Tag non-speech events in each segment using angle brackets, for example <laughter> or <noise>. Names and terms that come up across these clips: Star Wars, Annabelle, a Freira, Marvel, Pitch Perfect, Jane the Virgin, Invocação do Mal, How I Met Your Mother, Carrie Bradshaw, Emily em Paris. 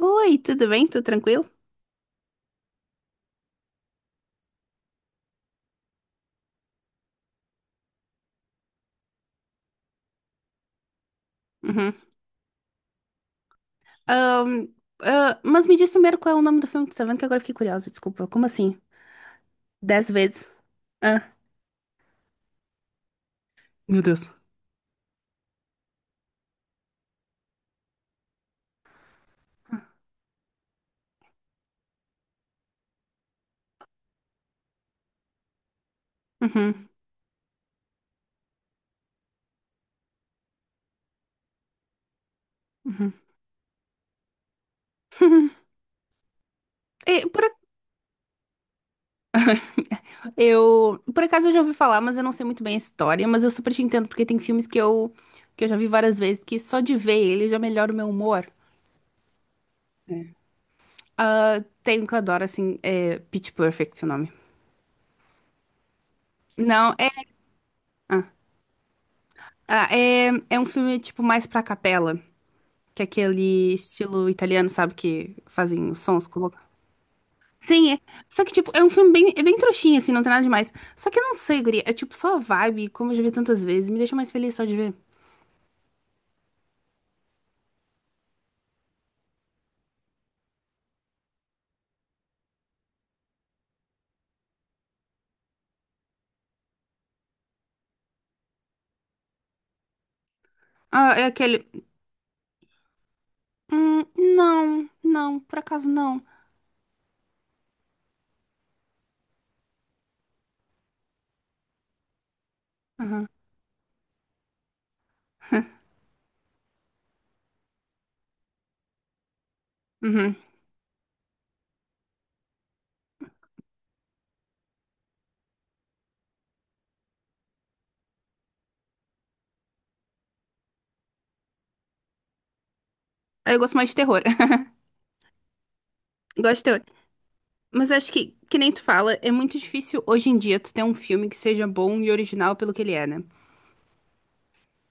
Oi, tudo bem? Tudo tranquilo? Uhum. Ahn, ah, mas me diz primeiro qual é o nome do filme que você tá vendo, que agora eu fiquei curiosa, desculpa. Como assim? 10 vezes. Ah. Meu Deus. Uhum, uhum. <laughs> E, por, ac- eu, por acaso eu já ouvi falar, mas eu não sei muito bem a história, mas eu super te entendo, porque tem filmes que eu já vi várias vezes, que só de ver ele já melhora o meu humor. Ah, tem um que eu adoro, assim, é Pitch Perfect, o nome. Não, é um filme, tipo, mais pra capela. Que é aquele estilo italiano, sabe? Que fazem os sons com a boca. Sim, é. Só que, tipo, é um filme é bem trouxinha, assim, não tem nada demais. Só que eu não sei, guria. É, tipo, só a vibe, como eu já vi tantas vezes. Me deixa mais feliz só de ver. Ah, é aquele. Não, não, por acaso não. Aham, uhum. Aí eu gosto mais de terror. <laughs> Gosto de terror. Mas acho que nem tu fala, é muito difícil hoje em dia tu ter um filme que seja bom e original pelo que ele é, né?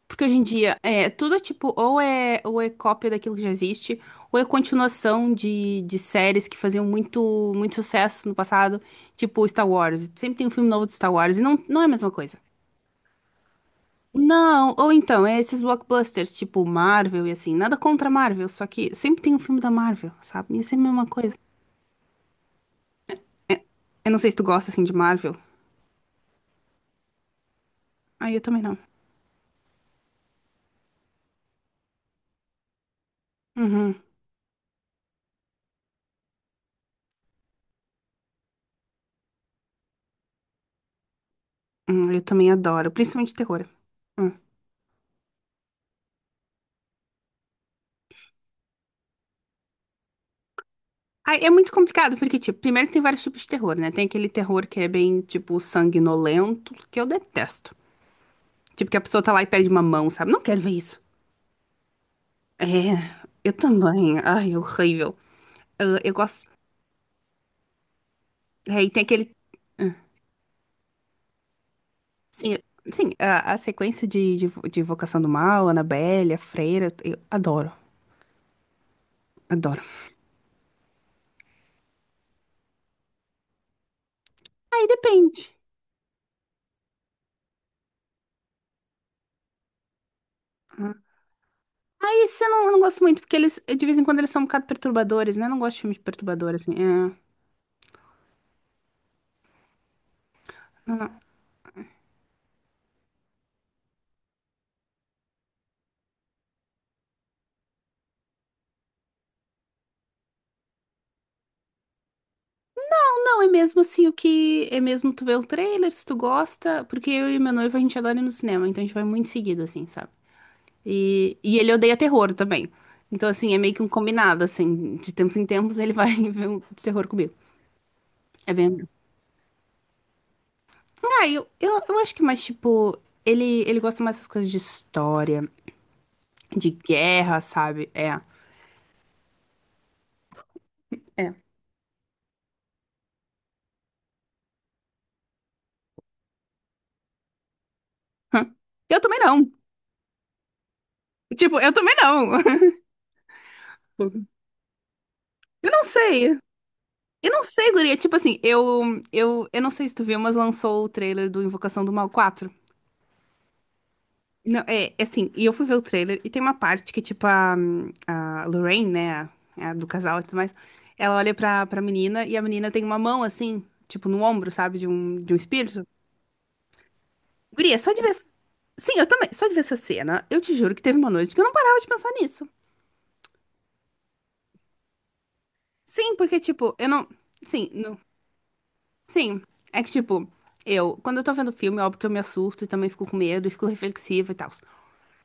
Porque hoje em dia é tudo tipo, ou é cópia daquilo que já existe, ou é continuação de séries que faziam muito, muito sucesso no passado, tipo Star Wars. Sempre tem um filme novo de Star Wars e não, não é a mesma coisa. Não, ou então, é esses blockbusters, tipo Marvel e assim, nada contra Marvel, só que sempre tem um filme da Marvel, sabe? E é sempre a mesma coisa. É, eu não sei se tu gosta assim de Marvel. Ah, eu também não. Uhum. Eu também adoro, principalmente terror. Hum. Ah, é muito complicado, porque, tipo, primeiro que tem vários tipos de terror, né? Tem aquele terror que é bem, tipo, sanguinolento, que eu detesto. Tipo, que a pessoa tá lá e perde uma mão, sabe? Não quero ver isso. É, eu também. Ai, é horrível. Ah, eu gosto. É, e tem aquele. Sim, sim, a sequência de Invocação do Mal, Annabelle, a Freira, eu adoro, adoro. Aí depende. Aí isso eu não gosto muito, porque eles, de vez em quando, eles são um bocado perturbadores, né? Eu não gosto de filmes perturbadores, assim. É. Não, é mesmo assim o que. É mesmo tu vê o trailer, se tu gosta. Porque eu e meu noivo a gente adora ir no cinema, então a gente vai muito seguido, assim, sabe? E ele odeia terror também. Então, assim, é meio que um combinado, assim. De tempos em tempos ele vai <laughs> ver um de terror comigo. É bem. Ah, eu acho que mais, tipo. Ele gosta mais das coisas de história, de guerra, sabe? É. É. Hã? Eu também não. Tipo, eu também não. <laughs> Eu não sei. Eu não sei, guria. Tipo assim, eu não sei se tu viu, mas lançou o trailer do Invocação do Mal 4. Não, é assim, e eu fui ver o trailer e tem uma parte que, tipo, a Lorraine, né, é a do casal e tudo mais, ela olha pra menina e a menina tem uma mão, assim, tipo, no ombro, sabe, de um espírito. Guria, só de ver. Sim, eu também, só de ver essa cena, eu te juro que teve uma noite que eu não parava de pensar nisso. Sim, porque, tipo, eu não. Sim, sim, é que tipo, eu, quando eu tô vendo filme, óbvio que eu me assusto e também fico com medo e fico reflexiva e tal.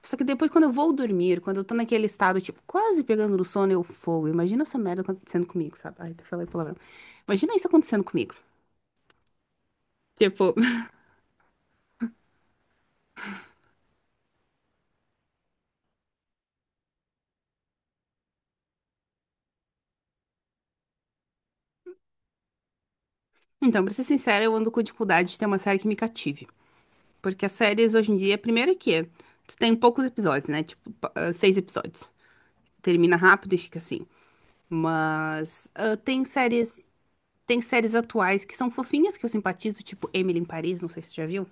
Só que depois, quando eu vou dormir, quando eu tô naquele estado, tipo, quase pegando no sono, eu fogo. Imagina essa merda acontecendo comigo, sabe? Ai, até falei palavrão. Imagina isso acontecendo comigo. Tipo, <laughs> então, pra ser sincera, eu ando com dificuldade de ter uma série que me cative. Porque as séries hoje em dia, primeiro é que tu tem poucos episódios, né? Tipo, seis episódios. Termina rápido e fica assim. Mas ah, tem séries Tem séries atuais que são fofinhas, que eu simpatizo, tipo Emily em Paris, não sei se você já viu.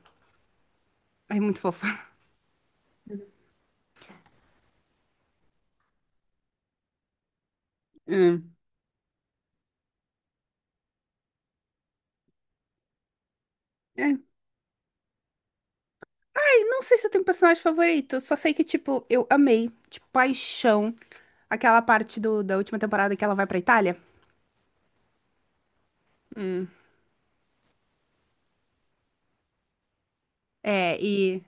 É muito fofa. Hum. É. E não sei se eu tenho personagem favorito, só sei que, tipo, eu amei, tipo, paixão, aquela parte da última temporada que ela vai pra Itália. Hum. É.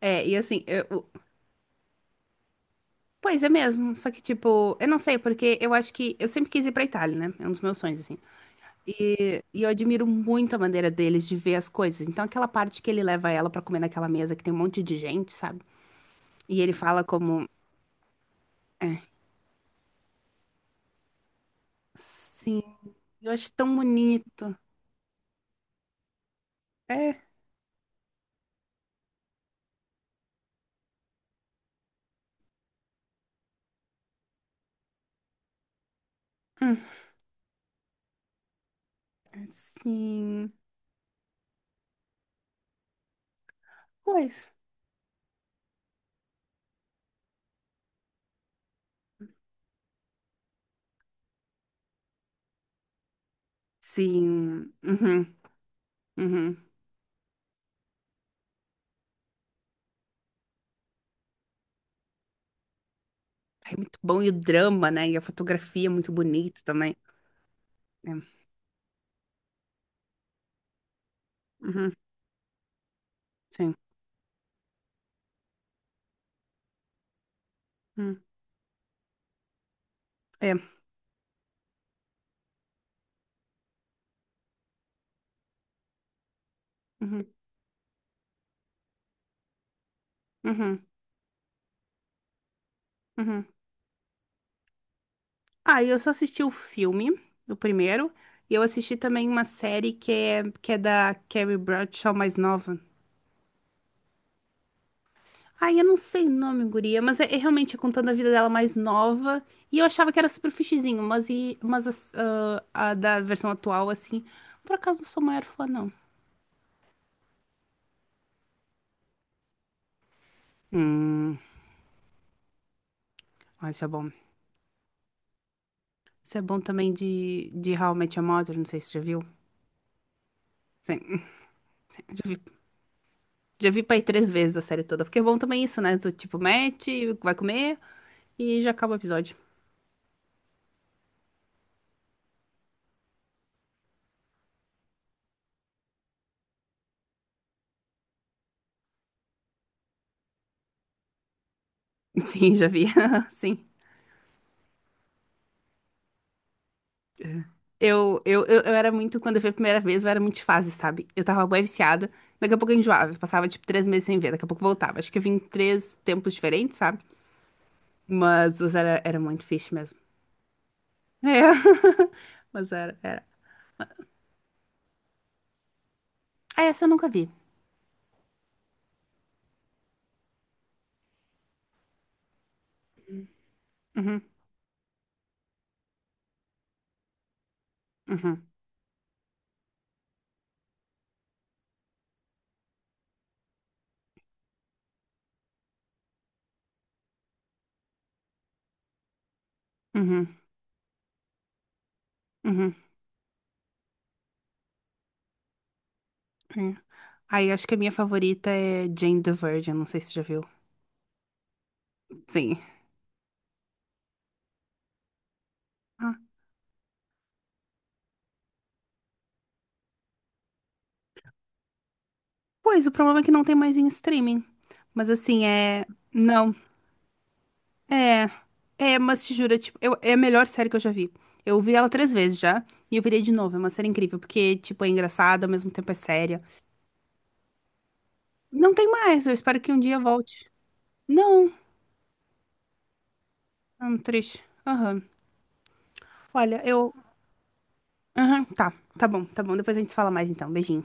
É, e assim, pois é mesmo, só que, tipo, eu não sei, porque eu acho que eu sempre quis ir pra Itália, né? É um dos meus sonhos, assim. E eu admiro muito a maneira deles de ver as coisas. Então, aquela parte que ele leva ela pra comer naquela mesa que tem um monte de gente, sabe? E ele fala como. É, sim, eu acho tão bonito. É, hum, assim, pois. Sim, uhum, uhum. Ai, muito bom, e o drama, né? E a fotografia é muito bonita também. É, uhum, sim, hum, é, uhum, uhum, uhum. Ah, e eu só assisti o filme, o primeiro, e eu assisti também uma série que é da Carrie Bradshaw mais nova. Ai, eu não sei o nome, guria, mas é realmente contando a vida dela mais nova. E eu achava que era super fichezinho, mas, a da versão atual, assim, por acaso não sou maior fã, não. Hum, ah, isso é bom. Isso é bom também de How I Met Your Mother, não sei se você já viu. Sim, <laughs> já vi, já vi pra ir três vezes a série toda, porque é bom também isso, né? Do tipo, mete, vai comer e já acaba o episódio. <laughs> Sim, já vi. <laughs> Sim. Eu era muito, quando eu vi a primeira vez, eu era muito de fase, sabe? Eu tava bem viciada, daqui a pouco eu enjoava, eu passava tipo 3 meses sem ver, daqui a pouco voltava. Acho que eu vim em três tempos diferentes, sabe? Mas era muito fixe mesmo. É, <laughs> mas era. Ah, essa eu nunca vi. Uhum, uhum, uhum, uhum, uhum. Aí acho que a minha favorita é Jane the Virgin, não sei se você já viu. Sim. Ah, pois, o problema é que não tem mais em streaming. Mas assim, é. Não. É, é, mas te juro, é tipo, é a melhor série que eu já vi. Eu vi ela três vezes já, e eu virei de novo. É uma série incrível, porque, tipo, é engraçada, ao mesmo tempo é séria. Não tem mais, eu espero que um dia volte. Não, é um triste. Aham. Olha, eu. Aham, tá, tá bom, tá bom. Depois a gente se fala mais então. Beijinho.